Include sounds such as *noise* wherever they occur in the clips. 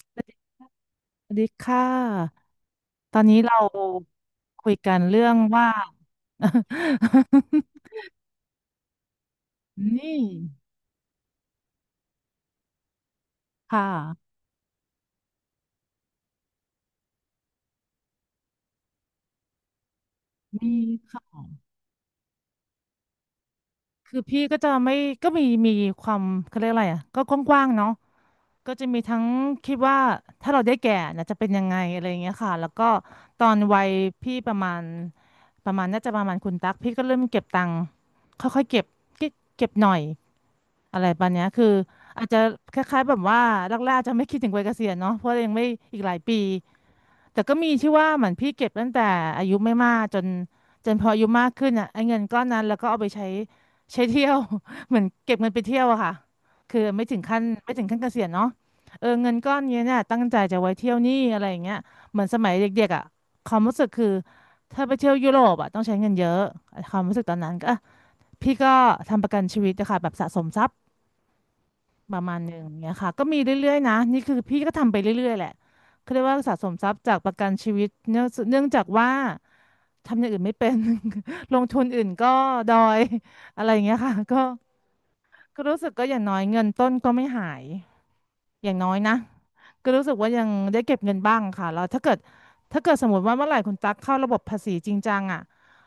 สวัสดีค่ะ ตอนนี้เราคุยกันเรื่องว่า *laughs* นี่ค่ะมี คือพี่ก็จะไม่ก็มีความเขาเรียกอะไรอ่ะก็กว้างๆเนาะก็จะมีทั้งคิดว่าถ้าเราได้แก่นะจะเป็นยังไงอะไรอย่างเงี้ยค่ะแล้วก็ตอนวัยพี่ประมาณประมาณน่าจะประมาณคุณตั๊กพี่ก็เริ่มเก็บตังค์ค่อยๆเก็บเก็บหน่อยอะไรประมาณเนี้ยคืออาจจะคล้ายๆแบบว่าแรกๆจะไม่คิดถึงวัยเกษียณเนาะเพราะเรายังไม่อีกหลายปีแต่ก็มีที่ว่าเหมือนพี่เก็บตั้งแต่อายุไม่มากจนพออายุมากขึ้นอ่ะไอ้เงินก้อนนั้นแล้วก็เอาไปใช้ ใช้เที่ยว *laughs* เหมือนเก็บเงินไปเที่ยวอะค่ะคือไม่ถึงขั้นไม่ถึงขั้นเกษียณเนาะเออเงินก้อนเนี่ยตั้งใจจะไว้เที่ยวนี่อะไรอย่างเงี้ยเหมือนสมัยเด็กๆอะความรู้สึกคือถ้าไปเที่ยวยุโรปอะต้องใช้เงินเยอะความรู้สึกตอนนั้นก็อ่ะพี่ก็ทำประกันชีวิตนะคะแบบสะสมทรัพย์ประมาณหนึ่งเงี้ยค่ะก็มีเรื่อยๆนะนี่คือพี่ก็ทำไปเรื่อยๆแหละเขาเรียกว่าสะสมทรัพย์จากประกันชีวิตเนื่องจากว่าทำอย่างอื่นไม่เป็น *laughs* ลงทุนอื่นก็ดอยอะไรอย่างเงี้ยค่ะก็ ก็รู้สึกก็อย่างน้อยเงินต้นก็ไม่หายอย่างน้อยนะก็รู้สึกว่ายังได้เก็บเงินบ้างค่ะแล้วถ้าเกิดสมมติว่าเมื่อไหร่คุณตั๊กเข้าระบบภาษีจริงจังอ่ะ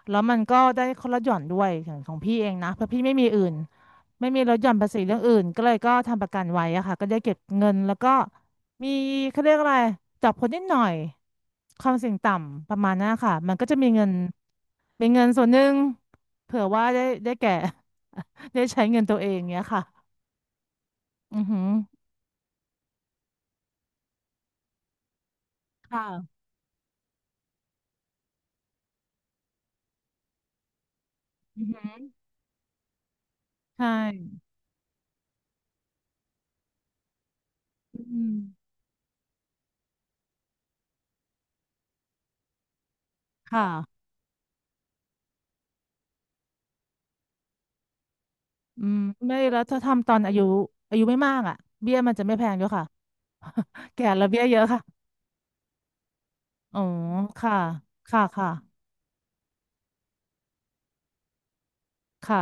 แล้วมันก็ได้คนละหย่อนด้วยอย่างของพี่เองนะเพราะพี่ไม่มีอื่นไม่มีลดหย่อนภาษีเรื่องอื่นก็เลยก็ทำประกันไว้อะค่ะก็ได้เก็บเงินแล้วก็มีเขาเรียกอะไรจับคนนิดหน่อยความเสี่ยงต่ำประมาณนั้นค่ะมันก็จะมีเงินเป็นเงินส่วนหนึ่งเผื่อว่าได้แก่ *laughs* ได้ใช้เงินตัวเองเนี้ยค่ะ อือหือค่ะอือหือใช่อืมค่ะอืมไม่แล้วถ้าทำตอนอายุไม่มากอ่ะเบี้ยมันจะไม่แพงด้วยค่ะ *laughs* แก่แล้วเบี้ยเยอะค่ะอ๋อค่ะค่ะค่ะค่ะ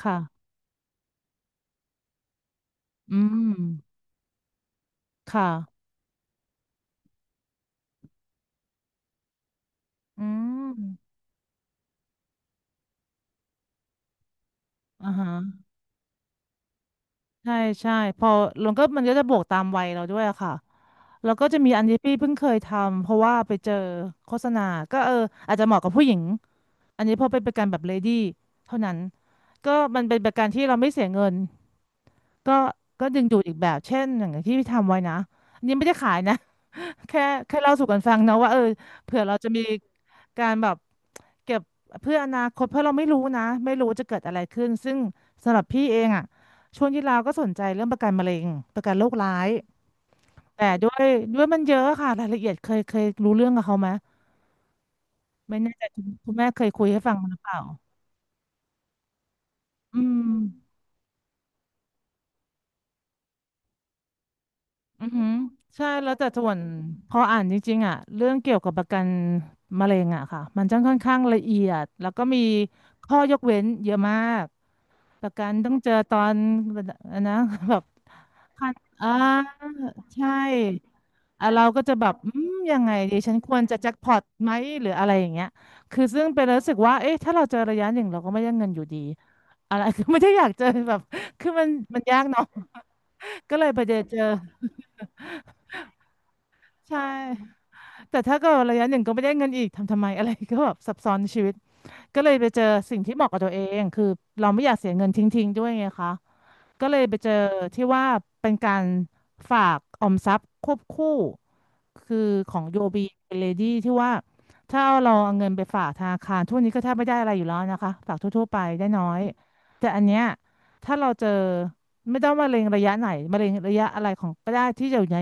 ค่ะ อืม ค่ะอืมอ่าฮะใช่ใช่พอลงก็มันก็จะบวกตามวัยเราด้วยอะค่ะแล้วก็จะมีอันที่พี่เพิ่งเคยทำเพราะว่าไปเจอโฆษณาก็เอออาจจะเหมาะกับผู้หญิง อันนี้พอเป็นประกันแบบเลดี้เท่านั้นก็มันเป็นประกันที่เราไม่เสียเงินก็ก็ดึงดูดอีกแบบเช่นอย่างที่พี่ทำไว้นะอันนี้ไม่ได้ขายนะ *laughs* แค่เล่าสู่กันฟังนะว่าเออเผื่อเราจะมีการแบบเก็บเพื่ออนาคตเพราะเราไม่รู้นะไม่รู้จะเกิดอะไรขึ้นซึ่งสำหรับพี่เองอ่ะช่วงที่เราก็สนใจเรื่องประกันมะเร็งประกันโรคร้ายแต่ด้วยมันเยอะค่ะรายละเอียดเคยรู้เรื่องกับเขาไหมไม่แน่ใจคุณแม่เคยคุยให้ฟังหรือเปล่าอืม อือหือใช่แล้วแต่ส่วนพออ่านจริงๆอ่ะเรื่องเกี่ยวกับประกันมะเร็งอ่ะค่ะมันจะค่อนข้างละเอียดแล้วก็มีข้อยกเว้นเยอะมากประกันต้องเจอตอนอันนะ *laughs* แบบขั้นอ่าใช่อ่ะเราก็จะแบบอืมยังไงดีฉันควรจะแจ็คพอตไหมหรืออะไรอย่างเงี้ยคือซึ่งเป็นรู้สึกว่าเอ๊ะถ้าเราเจอระยะหนึ่งเราก็ไม่ได้เงินอยู่ดีอะไร *laughs* คือไม่ได้อยากเจอแบบคือมันยากเนาะก็เลยไปเจอใช่ แต่ถ้าเก็ระยะหนึ่งก็ไม่ได้เงินอีกทำไมอะไร *laughs* ก็แบบซับซ้อนในชีวิตก็เลยไปเจอสิ่งที่เหมาะกับตัวเองคือเราไม่อยากเสียเงินทิ้งๆด้วยไงคะ ก็เลยไปเจอที่ว่าเป็นการฝากออมทรัพย์ควบคู่คือของย o b เป็นเลดี้ที่ว่าถ้าเราเอาเงินไปฝากธนาคารทุกวันนี้ก็แทบไม่ได้อะไรอยู่แล้วนะคะฝากทั่วๆไปได้น้อยแต่อันเนี้ยถ้าเราเจอไม่ต้องมะเร็งระยะไหนมะเร็งระยะอะไรของก็ได้ที่อยู่ใน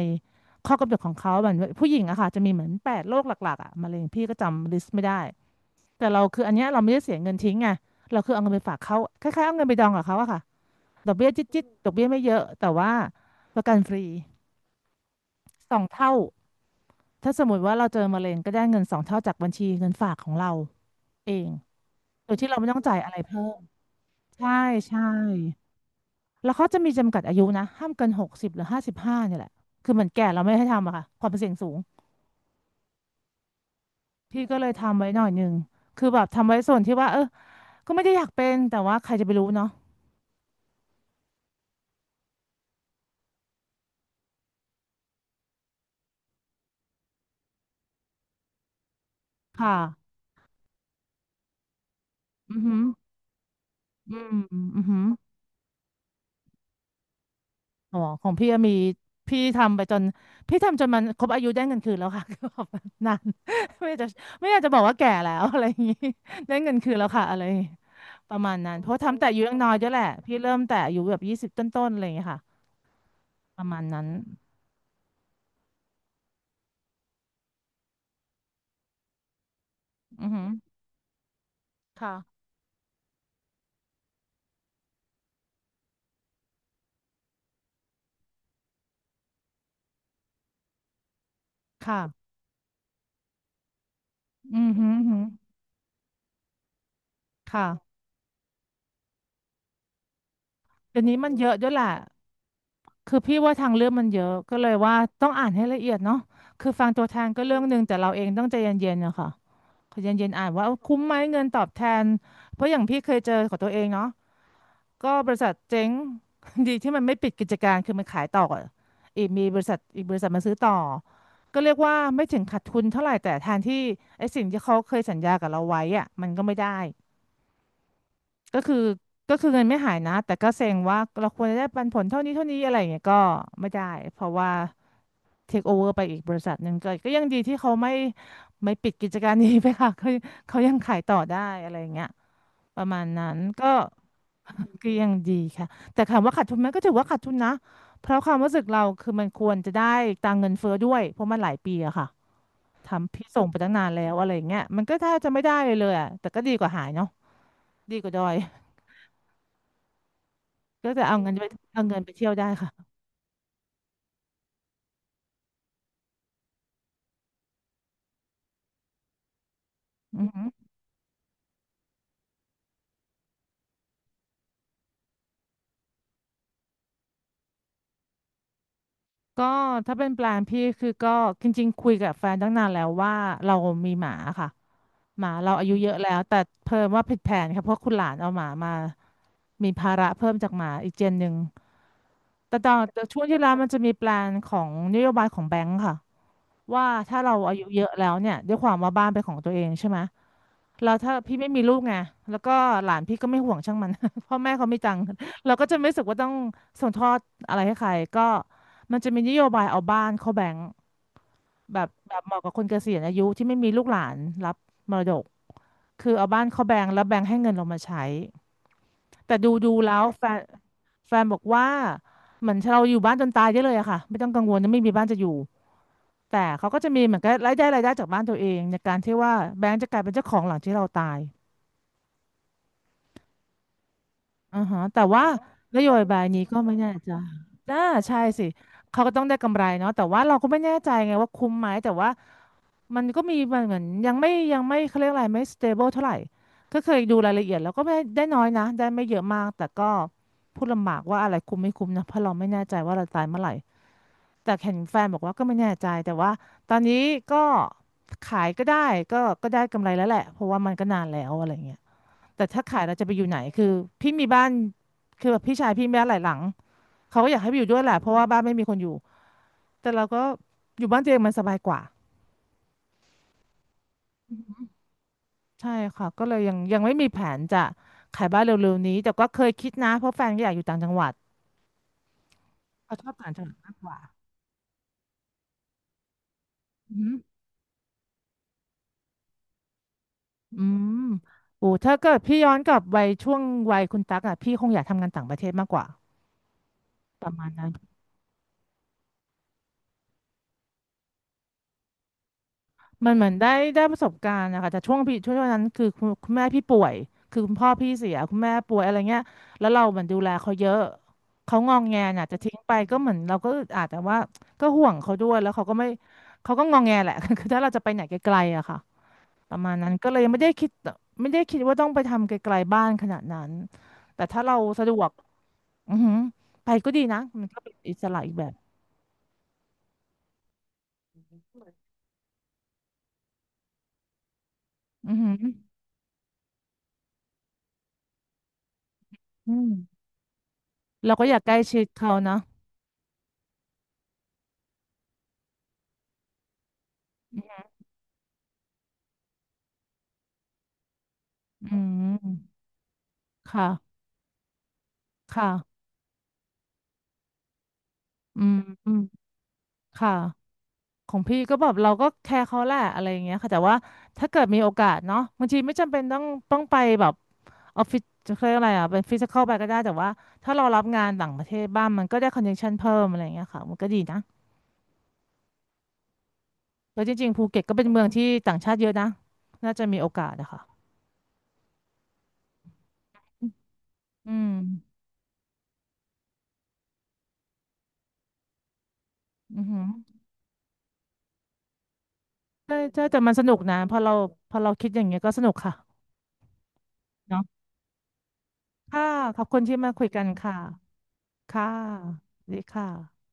ข้อกำหนดของเขาเหมือนผู้หญิงอะค่ะจะมีเหมือน8 โรคหลักๆอะมะเร็งพี่ก็จำลิสต์ไม่ได้แต่เราคืออันเนี้ยเราไม่ได้เสียเงินทิ้งไงเราคือเอาเงินไปฝากเขาคล้ายๆเอาเงินไปดองกับเขาอะค่ะ ดอกเบี้ยจิ๊ดจิ๊ดดอกเบี้ยไม่เยอะแต่ว่าประกันฟรีสองเท่าถ้าสมมติว่าเราเจอมะเร็งก็ได้เงินสองเท่าจากบัญชีเงินฝากของเราเองโดยที่เราไม่ต้องจ่ายอะไรเพิ่มใช่ใช่แล้วเขาจะมีจำกัดอายุนะห้ามเกินหกสิบหรือห้าสิบห้าเนี่ยแหละคือเหมือนแก่เราไม่ให้ทำอะค่ะความเสี่ยงสูงพี่ก็เลยทำไว้หน่อยหนึ่งคือแบบทำไว้ส่วนที่ว่าก็ไม่ได้อยากเป็นแต่ว่าใครจะไปรู้เนาะค่ะอือหืออืมอือหือ อ๋อของพี่อะมีพี่ทำไปจนพี่ทำจนมันครบอายุได้เงินคืนแล้วค่ะ *laughs* คือแบบนาน *laughs* ไม่อยากจะไม่อยากจะบอกว่าแก่แล้ว *laughs* อะไรอย่างนี้ได้เงินคืนแล้วค่ะอะไรอย่างงี้ประมาณนั้นเพราะทำแต่อายุยังน้อยด้วยแหละพี่เริ่มแต่อายุแบบยี่สิบต้นๆอะไรอย่างเงี้ยค่ะประมาณนั้นอือหือค่ะค่ะอือหือหือค่ะเดี๋ยวนี้มันเยอะด้วยแหละคือพี่ว่าทางเรื่องมันเยอะก็เลยว่าต้องอ่านให้ละเอียดเนาะคือฟังตัวแทนก็เรื่องหนึ่งแต่เราเองต้องใจเย็นๆอะค่ะ ขอเย็นๆอ่านว่าคุ้มไหมเงินตอบแทนเพราะอย่างพี่เคยเจอของตัวเองเนาะก็บริษัทเจ๊ง *laughs* ดีที่มันไม่ปิดกิจการคือมันขายต่ออะอีกมีบริษัทอีกบริษัทมาซื้อต่อก็เรียกว่าไม่ถึงขาดทุนเท่าไหร่แต่แทนที่ไอ้สิ่งที่เขาเคยสัญญากับเราไว้อะมันก็ไม่ได้ก็คือก็คือเงินไม่หายนะแต่ก็เซ็งว่าเราควรจะได้ปันผลเท่านี้เท่านี้อะไรอย่างเงี้ยก็ไม่ได้เพราะว่า เทคโอเวอร์ไปอีกบริษัทหนึ่งก็ก็ยังดีที่เขาไม่ไม่ปิดกิจการนี้ไปค่ะ *laughs* เขาเขายังขายต่อได้อะไรอย่างเงี้ยประมาณนั้นก็ *laughs* ก็ยังดีค่ะแต่ถามว่าขาดทุนไหมก็ถือว่าขาดทุนนะเพราะความรู้สึกเราคือมันควรจะได้ตังค์เงินเฟ้อด้วยเพราะมันหลายปีอะค่ะทำพี่ส่งไปตั้งนานแล้วอะไรอย่างเงี้ยมันก็แทบจะไม่ได้เลยเลยอะแต่ก็ดีกว่าหายเนาะดีกว่าดอยก็จะเอาเงินไปเที่ยวได้ค่ะอืมก็ถ้าเป็นแปลนพี่คือก็จริงๆคุยกับแฟนตั้งนานแล้วว่าเรามีหมาค่ะ หมาเราอายุเยอะแล้วแต่เพิ่มว่าผิดแผนค่ะเพราะคุณหลานเอาหมามามีภาระเพิ่มจากหมาอีกเจนหนึ่งแต่ตอนแต่ช่วงที่แล้วมันจะมีแปลนของนโยบายของแบงค์ค่ะว่าถ้าเราอายุเยอะแล้วเนี่ยด้วยความว่าบ้านเป็นของตัวเองใช่ไหมแล้วถ้าพี่ไม่มีลูกไงแล้วก็หลานพี่ก็ไม่ห่วงช่างมัน *laughs* พ่อแม่เขามีตังค์เราก็จะไม่รู้สึกว่าต้องส่งทอดอะไรให้ใครก็มันจะมีนโยบายเอาบ้านเข้าแบงค์ แบบเหมาะกับคนเกษียณอายุที่ไม่มีลูกหลานรับมรดกคือเอาบ้านเขาแบงก์แล้วแบงก์ให้เงินเรามาใช้แต่ดูแล้วแฟนแฟนบอกว่าเหมือนเราอยู่บ้านจนตายได้เลยอะค่ะไม่ต้องกังวลนะไม่มีบ้านจะอยู่แต่เขาก็จะมีเหมือนกับรายได้รายได้จากบ้านตัวเองในการที่ว่าแบงก์จะกลายเป็นเจ้าของหลังที่เราตายอ่าฮะแต่ว่านโยบายนี้ก็ไม่แน่ใจน่าใช่สิเขาก็ต้องได้กำไรเนาะแต่ว่าเราก็ไม่แน่ใจไงว่าคุ้มไหมแต่ว่า มันก็มีมันเหมือนยังไม่ยังไม่เขาเรียกอะไรไม่ stable เท่าไหร่ก็เคยดูรายละเอียดแล้วก็ไม่ได้น้อยนะได้ไม่เยอะมากแต่ก็พูดลำบากว่าอะไรคุ้มไม่คุ้มนะเพราะเราไม่แน่ใจว่าเราตายเมื่อไหร่แต่เห็นแฟนบอกว่าก็ไม่แน่ใจแต่ว่าตอนนี้ก็ขายก็ได้ก็ได้กำไรแล้วแหละเพราะว่ามันก็นานแล้วอะไรเงี้ยแต่ถ้าขายเราจะไปอยู่ไหนคือพี่มีบ้านคือแบบพี่ชายพี่มีบ้านหลายหลังเขาก็อยากให้ไปอยู่ด้วยแหละเพราะว่าบ้านไม่มีคนอยู่แต่เราก็อยู่บ้านตัวเองมันสบายกว่า ใช่ค่ะก็เลยยังไม่มีแผนจะขายบ้านเร็วๆนี้แต่ก็เคยคิดนะเพราะแฟนก็อยากอยู่ต่างจังหวัดเขาชอบต่างจังหวัดมากกว่าอืมออืมโอ้ถ้าเกิดพี่ย้อนกลับไปช่วงวัยคุณตั๊กอ่ะพี่คงอยากทำงานต่างประเทศมากกว่าประมาณนั้น มันเหมือนได้ได้ประสบการณ์นะคะแต่ช่วงพี่ช่วงนั้นคือคุณแม่พี่ป่วยคือคุณพ่อพี่เสียคุณแม่ป่วยอะไรเงี้ยแล้วเราเหมือนดูแลเขาเยอะเขางองแงน่ะจะทิ้งไปก็เหมือนเราก็อึดอัดแต่ว่าก็ห่วงเขาด้วยแล้วเขาก็ไม่เขาก็งองแงแหละ *laughs* คือถ้าเราจะไปไหนไกลๆอะค่ะประมาณนั้นก็เลยไม่ได้คิดไม่ได้คิดว่าต้องไปทำไกลๆบ้านขนาดนั้นแต่ถ้าเราสะดวกอือหือไปก็ดีนะมันก็เป็นอิสระอีกแบบอือหืออืมเราก็อยากใกล้ชิดเขานะอืมค่ะ ค่ะอืมอืมค่ะของพี่ก็แบบเราก็แคร์เขาแหละอะไรอย่างเงี้ยค่ะแต่ว่าถ้าเกิดมีโอกาสเนาะบางทีไม่จำเป็นต้องต้องไปแบบออฟฟิศจะเรียกอะไรอ่ะเป็นฟิสิคอลไปก็ได้แต่ว่าถ้าเรารับงานต่างประเทศบ้างมันก็ได้คอนเนคชันเพิ่มอะไรอย่างเงี้ยค่ะมันก็ดีนะแล้วจริงๆภูเก็ตก็เป็นเมืองที่ต่างชาติเยอะนะน่าจะมีโอกาสอะค่ะอืมอือหือใช่ใช่แต่มันสนุกนะพอเราพอเราคิดอย่างเงี้ยก็สนุกค่ะเนาะค่ะขอบคุณที่มาคุยกันค่ะค่ะสวัสดีค่ะ